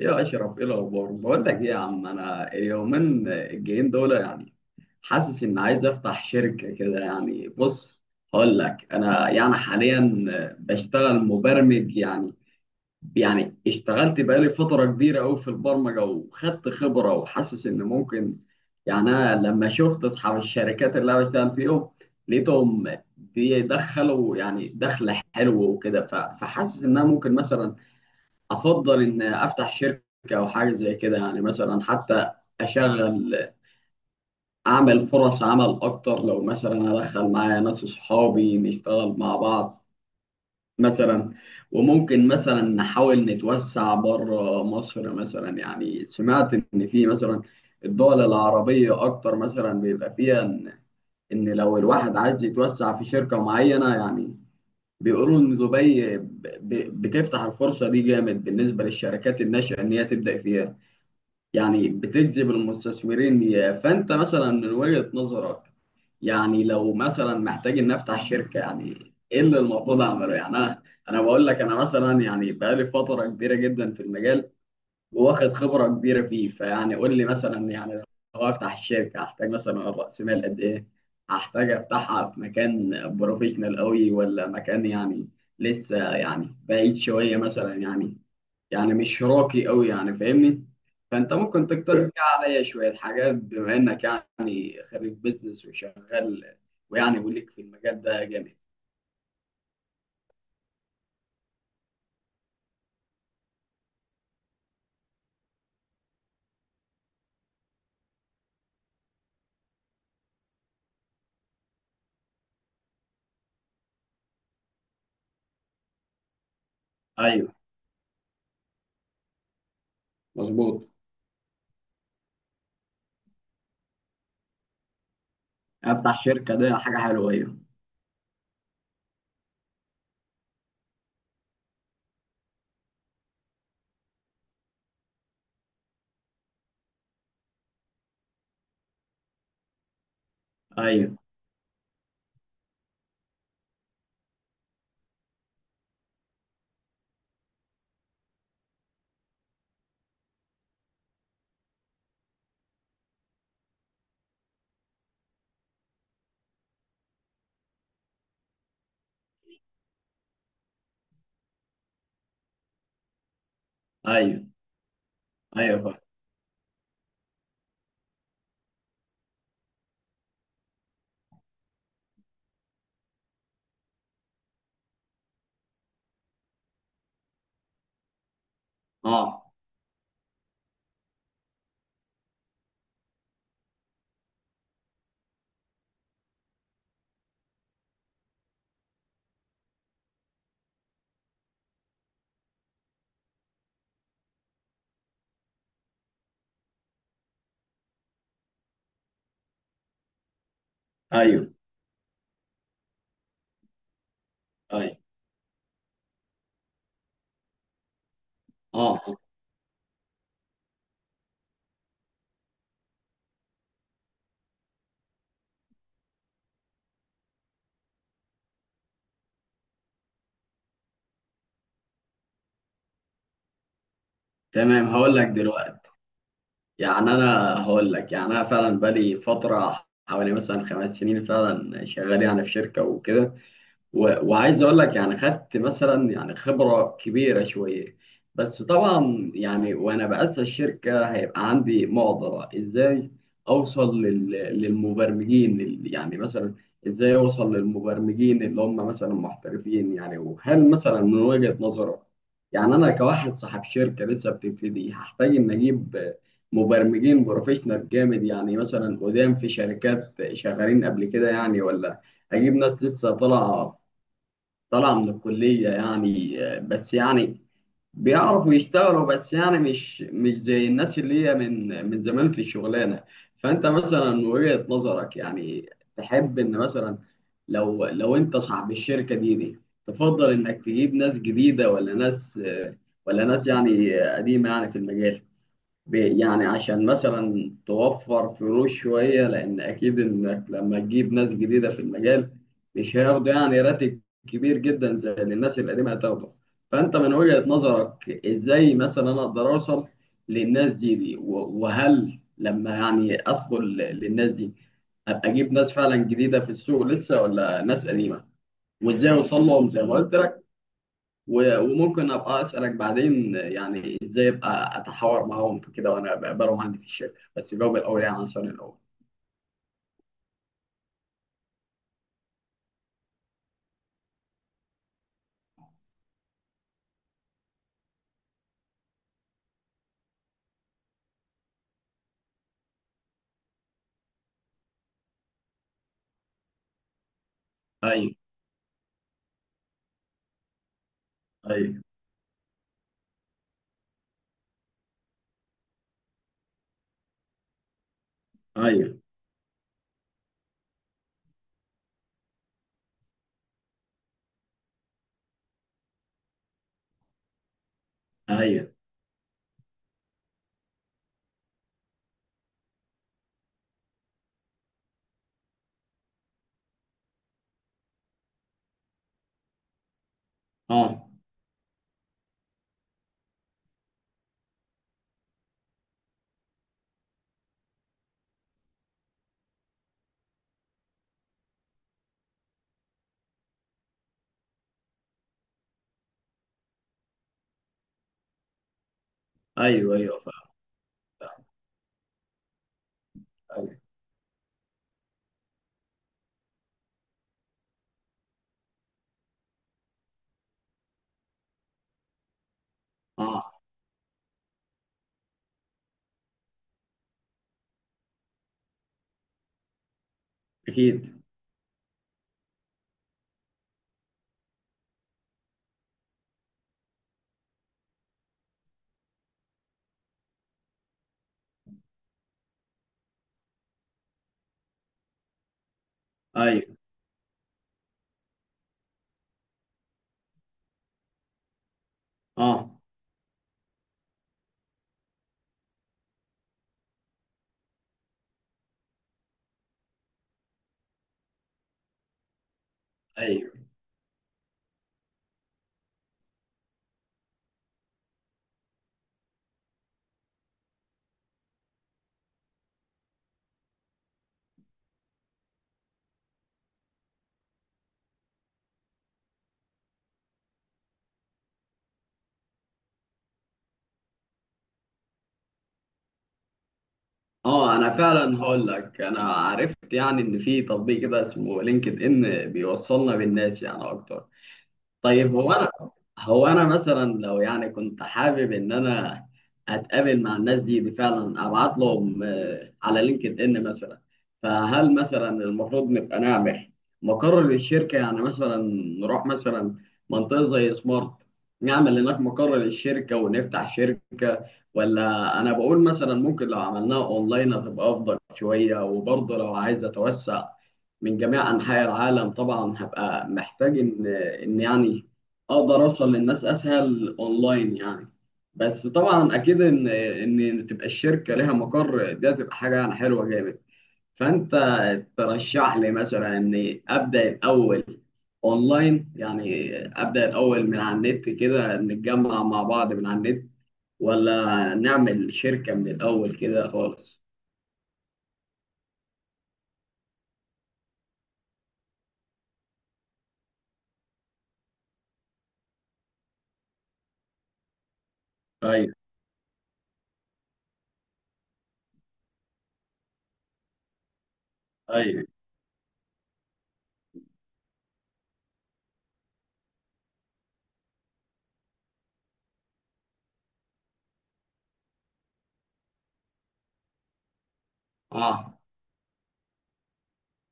ايه يا اشرف، ايه الاخبار؟ بقول لك ايه يا عم، انا اليومين الجايين دول يعني حاسس ان عايز افتح شركه كده، يعني بص هقول لك انا يعني حاليا بشتغل مبرمج، يعني يعني اشتغلت بقالي فتره كبيره قوي في البرمجه وخدت خبره، وحاسس ان ممكن يعني انا لما شفت اصحاب الشركات اللي انا بشتغل فيهم لقيتهم بيدخلوا يعني دخل حلو وكده. ف- فحاسس ان انا ممكن مثلا افضل ان افتح شركه او حاجه زي كده، يعني مثلا حتى اشغل اعمل فرص عمل اكتر لو مثلا ادخل معايا ناس صحابي نشتغل مع بعض مثلا. وممكن مثلا نحاول نتوسع بره مصر مثلا، يعني سمعت ان في مثلا الدول العربيه اكتر مثلا بيبقى فيها ان لو الواحد عايز يتوسع في شركه معينه يعني بيقولوا ان دبي ب- ب- بتفتح الفرصه دي جامد بالنسبه للشركات الناشئه، ان هي تبدا فيها يعني بتجذب المستثمرين ليها. فانت مثلا من وجهة نظرك، يعني لو مثلا محتاج ان افتح شركه يعني ايه اللي المفروض اعمله؟ يعني انا بقول لك انا مثلا يعني بقالي فتره كبيره جدا في المجال واخد خبره كبيره فيه، فيعني قول لي مثلا يعني لو افتح الشركه هحتاج مثلا راس مال قد ايه؟ هحتاج افتحها في مكان بروفيشنال قوي ولا مكان يعني لسه يعني بعيد شويه مثلا، يعني يعني مش راقي قوي، يعني فاهمني؟ فانت ممكن تقترح كده عليا شويه حاجات بما انك يعني خريج بيزنس وشغال ويعني وليك في المجال ده جامد. ايوه مظبوط. افتح شركه ده حاجه حلوه. ايوه، ايوه، ايوه، ايوه فاهم. اه، ايوه، ايوه، اه. تمام هقول لك دلوقتي، يعني انا هقول لك يعني انا فعلا بقالي فتره حوالي مثلا 5 سنين فعلا شغال يعني في شركه وكده، و- وعايز اقول لك يعني خدت مثلا يعني خبره كبيره شويه. بس طبعا يعني وانا باسس الشركه هيبقى عندي معضله: ازاي اوصل للمبرمجين يعني مثلا ازاي اوصل للمبرمجين اللي هم مثلا محترفين؟ يعني وهل مثلا من وجهه نظرك، يعني انا كواحد صاحب شركه لسه بتبتدي هحتاج ان اجيب مبرمجين بروفيشنال جامد، يعني مثلا قدام في شركات شغالين قبل كده، يعني ولا اجيب ناس لسه طالعه طلع من الكلية يعني، بس يعني بيعرفوا يشتغلوا بس يعني مش زي الناس اللي هي من زمان في الشغلانة. فأنت مثلا من وجهة نظرك، يعني تحب إن مثلا لو أنت صاحب الشركة دي تفضل إنك تجيب ناس جديدة، ولا ناس، ولا ناس يعني قديمة يعني في المجال؟ يعني عشان مثلا توفر فلوس شوية، لأن أكيد إنك لما تجيب ناس جديدة في المجال مش هياخدوا يعني راتب كبير جدا زي اللي الناس القديمة هتاخده. فأنت من وجهة نظرك إزاي مثلا أنا أقدر أوصل للناس دي، و- وهل لما يعني أدخل للناس دي أبقى أجيب ناس فعلا جديدة في السوق لسه، ولا ناس قديمة؟ وإزاي أوصل لهم زي ما قلت لك؟ و- وممكن ابقى اسالك بعدين يعني ازاي ابقى اتحاور معاهم في كده وانا بقابلهم عندي في الشركه، بس جاوب الاول يعني على السؤال الاول. ايوه، ايوه، ايوه، ايوه، اه، ايوه، ايوه فعلا. ايوه، اه، اكيد، ايوه، اه، ايوه، اه. انا فعلا هقول لك انا عرفت يعني ان في تطبيق كده اسمه لينكد ان بيوصلنا بالناس يعني اكتر. طيب هو انا مثلا لو يعني كنت حابب ان انا اتقابل مع الناس دي فعلا ابعت لهم على لينكد ان مثلا، فهل مثلا المفروض نبقى نعمل مقر للشركه يعني مثلا نروح مثلا منطقه زي سمارت نعمل هناك مقر للشركه ونفتح شركه، ولا انا بقول مثلا ممكن لو عملناها اونلاين هتبقى افضل شويه؟ وبرضه لو عايز اتوسع من جميع انحاء العالم طبعا هبقى محتاج ان ان يعني اقدر اوصل للناس اسهل اونلاين يعني. بس طبعا اكيد ان تبقى الشركه ليها مقر دي هتبقى حاجه يعني حلوه جامد. فانت ترشح لي مثلا اني ابدا الاول اونلاين، يعني ابدا الاول من على النت كده نتجمع مع بعض من على النت، ولا نعمل شركه من الاول كده خالص؟ ايوه، ايوه، اه.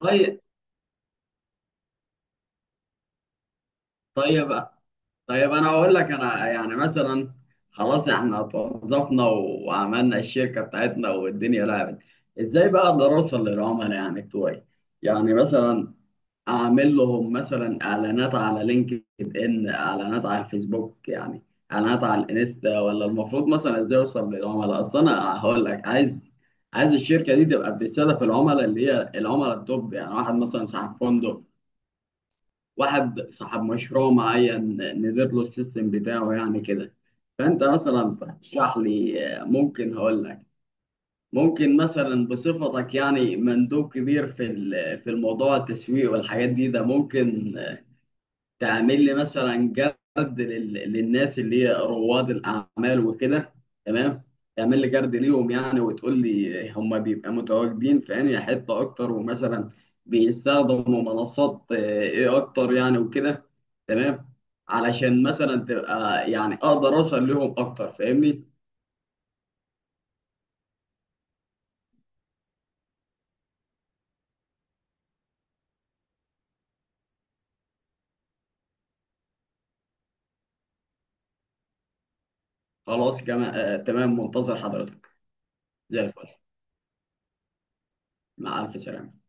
طيب، طيب. طيب انا هقول لك انا يعني مثلا خلاص احنا توظفنا وعملنا الشركه بتاعتنا والدنيا لعبت، ازاي بقى اقدر اوصل للعملاء يعني بتوعي؟ يعني مثلا اعمل لهم مثلا اعلانات على لينكد ان، اعلانات على الفيسبوك، يعني اعلانات على الانستا، ولا المفروض مثلا ازاي اوصل للعملاء؟ اصل انا هقول لك عايز الشركه دي تبقى بتستهدف العملاء اللي هي العملاء التوب، يعني واحد مثلا صاحب فندق، واحد صاحب مشروع معين، ندير له السيستم بتاعه يعني كده. فانت مثلا ترشح لي، ممكن هقول لك ممكن مثلا بصفتك يعني مندوب كبير في في الموضوع التسويق والحاجات دي ده ممكن تعمل لي مثلا جرد للناس اللي هي رواد الاعمال وكده، تمام؟ تعمل لي جرد ليهم يعني وتقول لي هم بيبقى متواجدين في انهي حته اكتر، ومثلا بيستخدموا منصات ايه اكتر يعني وكده، تمام؟ علشان مثلا تبقى يعني اقدر اوصل لهم اكتر، فاهمني؟ خلاص، كما آه تمام، منتظر حضرتك. زي الفل. مع الف سلامه.